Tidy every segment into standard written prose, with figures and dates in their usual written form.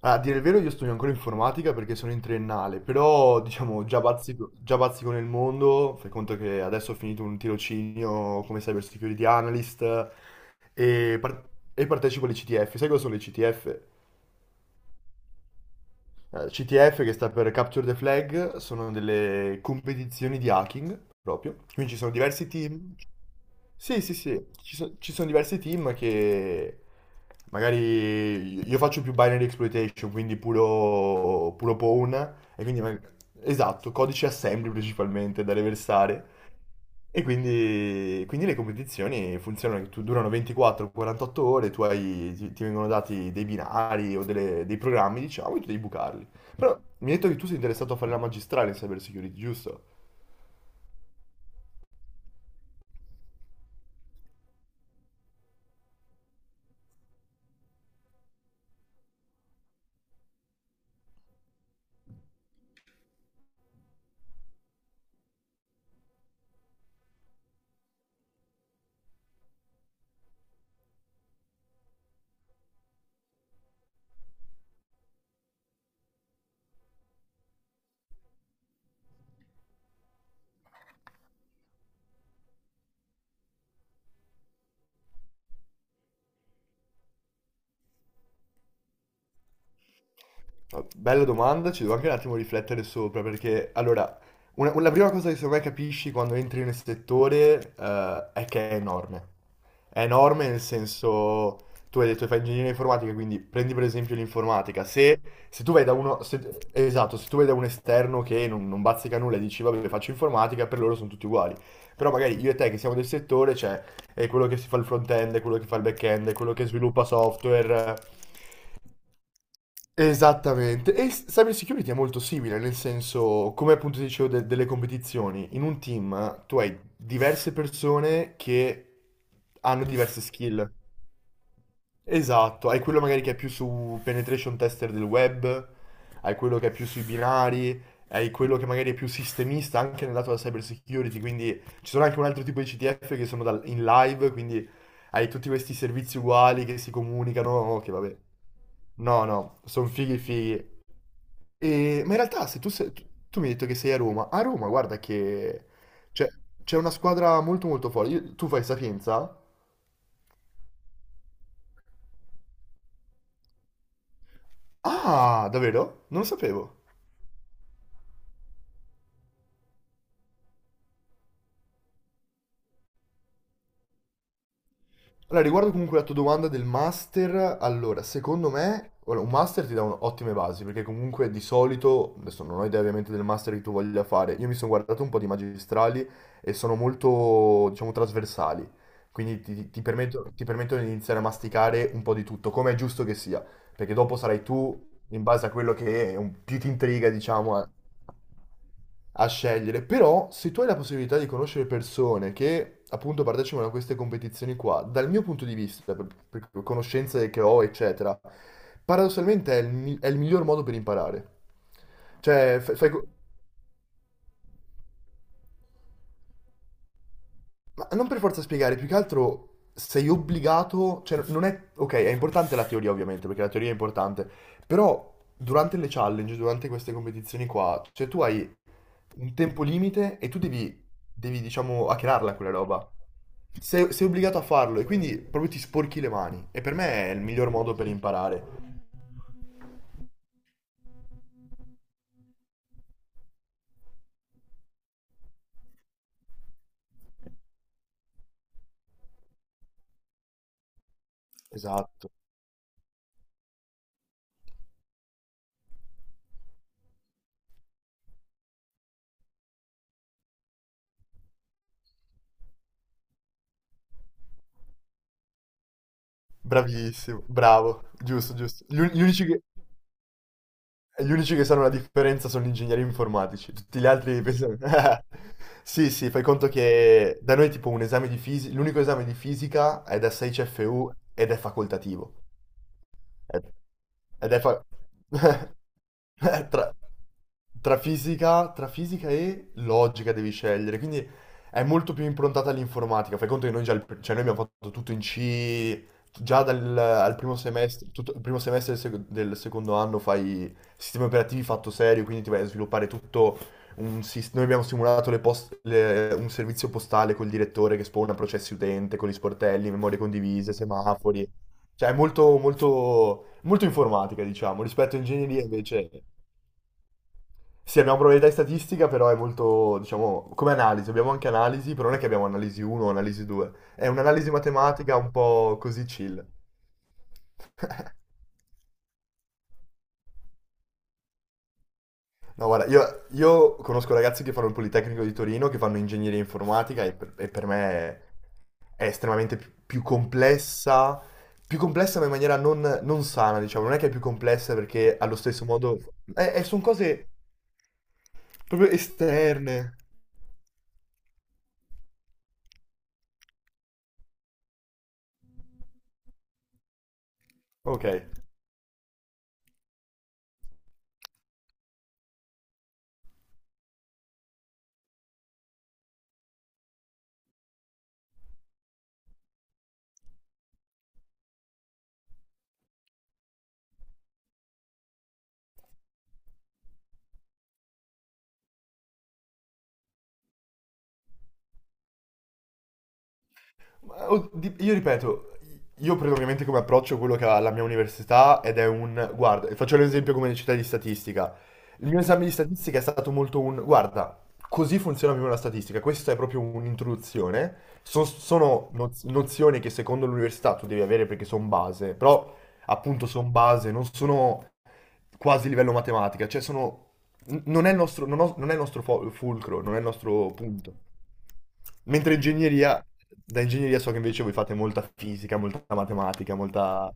Ah, a dire il vero, io studio ancora informatica perché sono in triennale, però diciamo già bazzico nel mondo, fai conto che adesso ho finito un tirocinio come cyber security analyst e, par- e partecipo alle CTF. Sai cosa sono le CTF? CTF che sta per Capture the Flag, sono delle competizioni di hacking proprio, quindi ci sono diversi team. Sì, sì, sì, ci sono diversi team che magari io faccio più binary exploitation, quindi puro, puro pawn, e quindi esatto, codice assembly principalmente da reversare. E quindi le competizioni funzionano, durano 24-48 ore. Ti vengono dati dei binari o dei programmi, diciamo, e tu devi bucarli. Però mi hai detto che tu sei interessato a fare la magistrale in cyber security, giusto? Bella domanda, ci devo anche un attimo riflettere sopra perché allora, la prima cosa che secondo me capisci quando entri nel settore è che è enorme. È enorme nel senso, tu hai detto che fai ingegneria informatica, quindi prendi per esempio l'informatica. Se tu vai da uno, esatto, se tu vai da un esterno che non bazzica nulla e dici vabbè faccio informatica, per loro sono tutti uguali. Però magari io e te che siamo del settore, c'è è quello che si fa il front-end, è quello che fa il back-end, è quello che sviluppa software. Esattamente, cyber security è molto simile, nel senso, come appunto ti dicevo delle competizioni, in un team tu hai diverse persone che hanno diverse skill. Esatto, hai quello magari che è più su penetration tester del web, hai quello che è più sui binari, hai quello che magari è più sistemista anche nel lato della cyber security, quindi ci sono anche un altro tipo di CTF che sono in live, quindi hai tutti questi servizi uguali che si comunicano, che vabbè. No, no, sono fighi fighi. Ma in realtà, se tu, sei- tu- tu mi hai detto che sei a Roma, guarda che c'è c'è una squadra molto molto forte. Tu fai Sapienza? Ah, davvero? Non lo sapevo. Allora, riguardo comunque la tua domanda del master, allora, secondo me, ora, un master ti dà ottime basi, perché comunque di solito, adesso non ho idea ovviamente del master che tu voglia fare, io mi sono guardato un po' di magistrali e sono molto, diciamo, trasversali, quindi ti permettono di iniziare a masticare un po' di tutto, come è giusto che sia, perché dopo sarai tu, in base a quello che è più ti intriga, diciamo, a scegliere, però se tu hai la possibilità di conoscere persone che appunto partecipano a queste competizioni qua, dal mio punto di vista, per conoscenze che ho, eccetera, paradossalmente è il miglior modo per imparare. Cioè, ma non per forza spiegare, più che altro sei obbligato, cioè non è, ok, è importante la teoria ovviamente, perché la teoria è importante, però durante le challenge, durante queste competizioni qua, cioè tu hai un tempo limite e tu devi diciamo, hackerarla quella roba. Sei obbligato a farlo e quindi proprio ti sporchi le mani. E per me è il miglior modo per imparare. Esatto. Bravissimo, bravo, giusto, giusto. Gli unici che... Gli unici che sanno la differenza sono gli ingegneri informatici, tutti gli altri pensano... Sì, sì, fai conto che da noi tipo un esame di fisica, l'unico esame di fisica è da 6 CFU ed è facoltativo. Ed ed è fa... tra, tra fisica e logica devi scegliere, quindi è molto più improntata all'informatica. Fai conto che noi già, cioè noi abbiamo fatto tutto in C, già dal al primo semestre, tutto, il primo semestre del secondo anno fai sistemi operativi fatto serio, quindi ti vai a sviluppare tutto. Noi abbiamo simulato un servizio postale col direttore che spawna processi utente, con gli sportelli, memorie condivise, semafori. Cioè, è molto, molto, molto informatica, diciamo, rispetto a ingegneria invece. Sì, abbiamo probabilità e statistica, però è molto, diciamo, come analisi. Abbiamo anche analisi, però non è che abbiamo analisi 1 o analisi 2. È un'analisi matematica un po' così chill. No, guarda, io conosco ragazzi che fanno il Politecnico di Torino, che fanno ingegneria informatica e per me è estremamente più complessa ma in maniera non sana, diciamo, non è che è più complessa perché allo stesso modo... sono cose proprio esterne. Ok. Ma, oh, io ripeto, io prendo ovviamente come approccio quello che ha la mia università Guarda, faccio l'esempio come città di statistica. Il mio esame di statistica è stato molto. Guarda, così funziona più o meno la statistica. Questa è proprio un'introduzione. Sono nozioni che secondo l'università tu devi avere perché sono base, però appunto sono base, non sono quasi livello matematica, cioè non è il nostro, non è il nostro fulcro, non è il nostro punto. Mentre ingegneria, da ingegneria so che invece voi fate molta fisica, molta matematica, molta.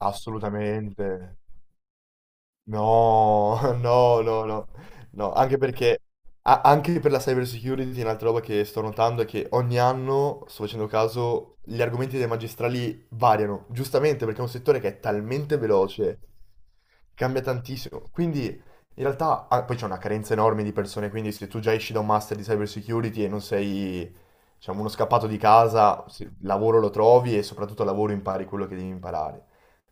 Assolutamente. No, no, no, no, no, anche perché, anche per la cyber security, un'altra roba che sto notando è che ogni anno, sto facendo caso, gli argomenti dei magistrali variano, giustamente perché è un settore che è talmente veloce, cambia tantissimo. Quindi, in realtà, ah, poi c'è una carenza enorme di persone, quindi se tu già esci da un master di cyber security e non sei, diciamo, uno scappato di casa, lavoro lo trovi e soprattutto al lavoro impari quello che devi imparare.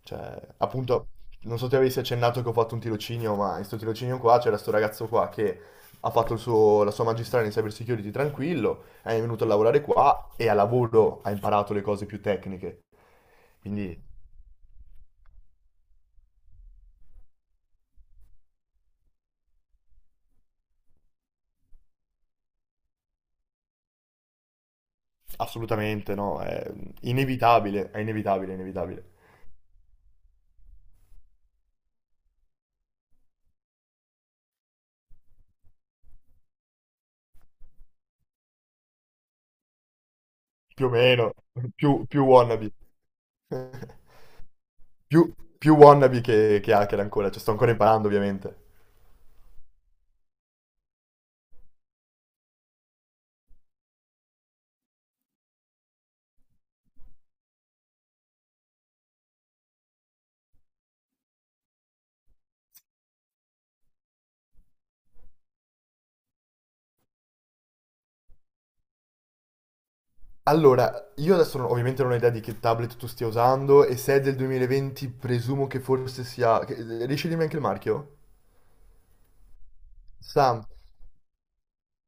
Cioè, appunto, non so se avessi accennato che ho fatto un tirocinio, ma in questo tirocinio qua c'era sto ragazzo qua che ha fatto la sua magistrale in cyber security tranquillo, è venuto a lavorare qua e a lavoro ha imparato le cose più tecniche. Quindi, assolutamente no, è inevitabile, è inevitabile, è inevitabile. Più o meno, più wannabe. Più, più wannabe che hacker ancora, cioè sto ancora imparando ovviamente. Allora, io adesso ovviamente non ho idea di che tablet tu stia usando e se è del 2020 presumo che forse sia. Riesci a dirmi anche il marchio? Sam,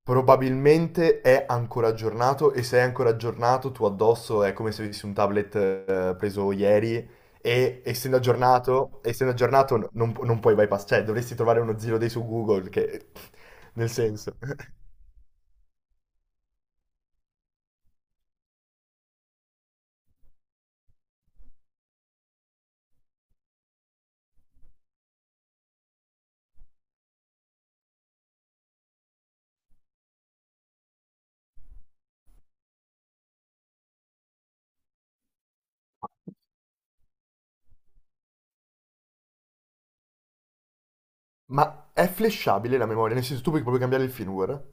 probabilmente è ancora aggiornato e se è ancora aggiornato tu addosso è come se avessi un tablet preso ieri e essendo aggiornato non puoi bypass, cioè dovresti trovare uno zero day su Google che. Nel senso. Ma è flashabile la memoria, nel senso tu puoi proprio cambiare il firmware?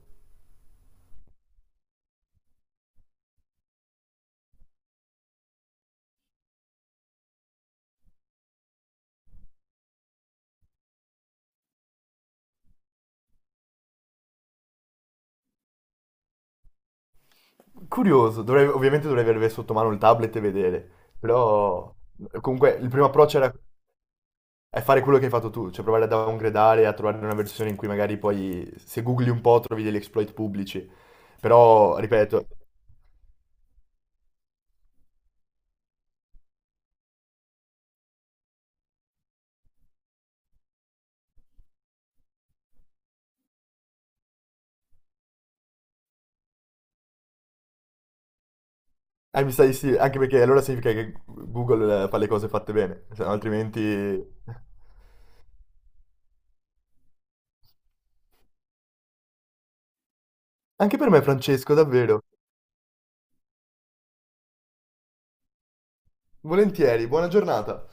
Curioso, ovviamente dovrei avere sotto mano il tablet e vedere, però comunque il primo approccio è fare quello che hai fatto tu, cioè provare a downgradare, a trovare una versione in cui magari poi se googli un po' trovi degli exploit pubblici, però ripeto, mi sa di sì, anche perché allora significa che Google fa le cose fatte bene, se no altrimenti. Anche per me Francesco, davvero. Volentieri, buona giornata.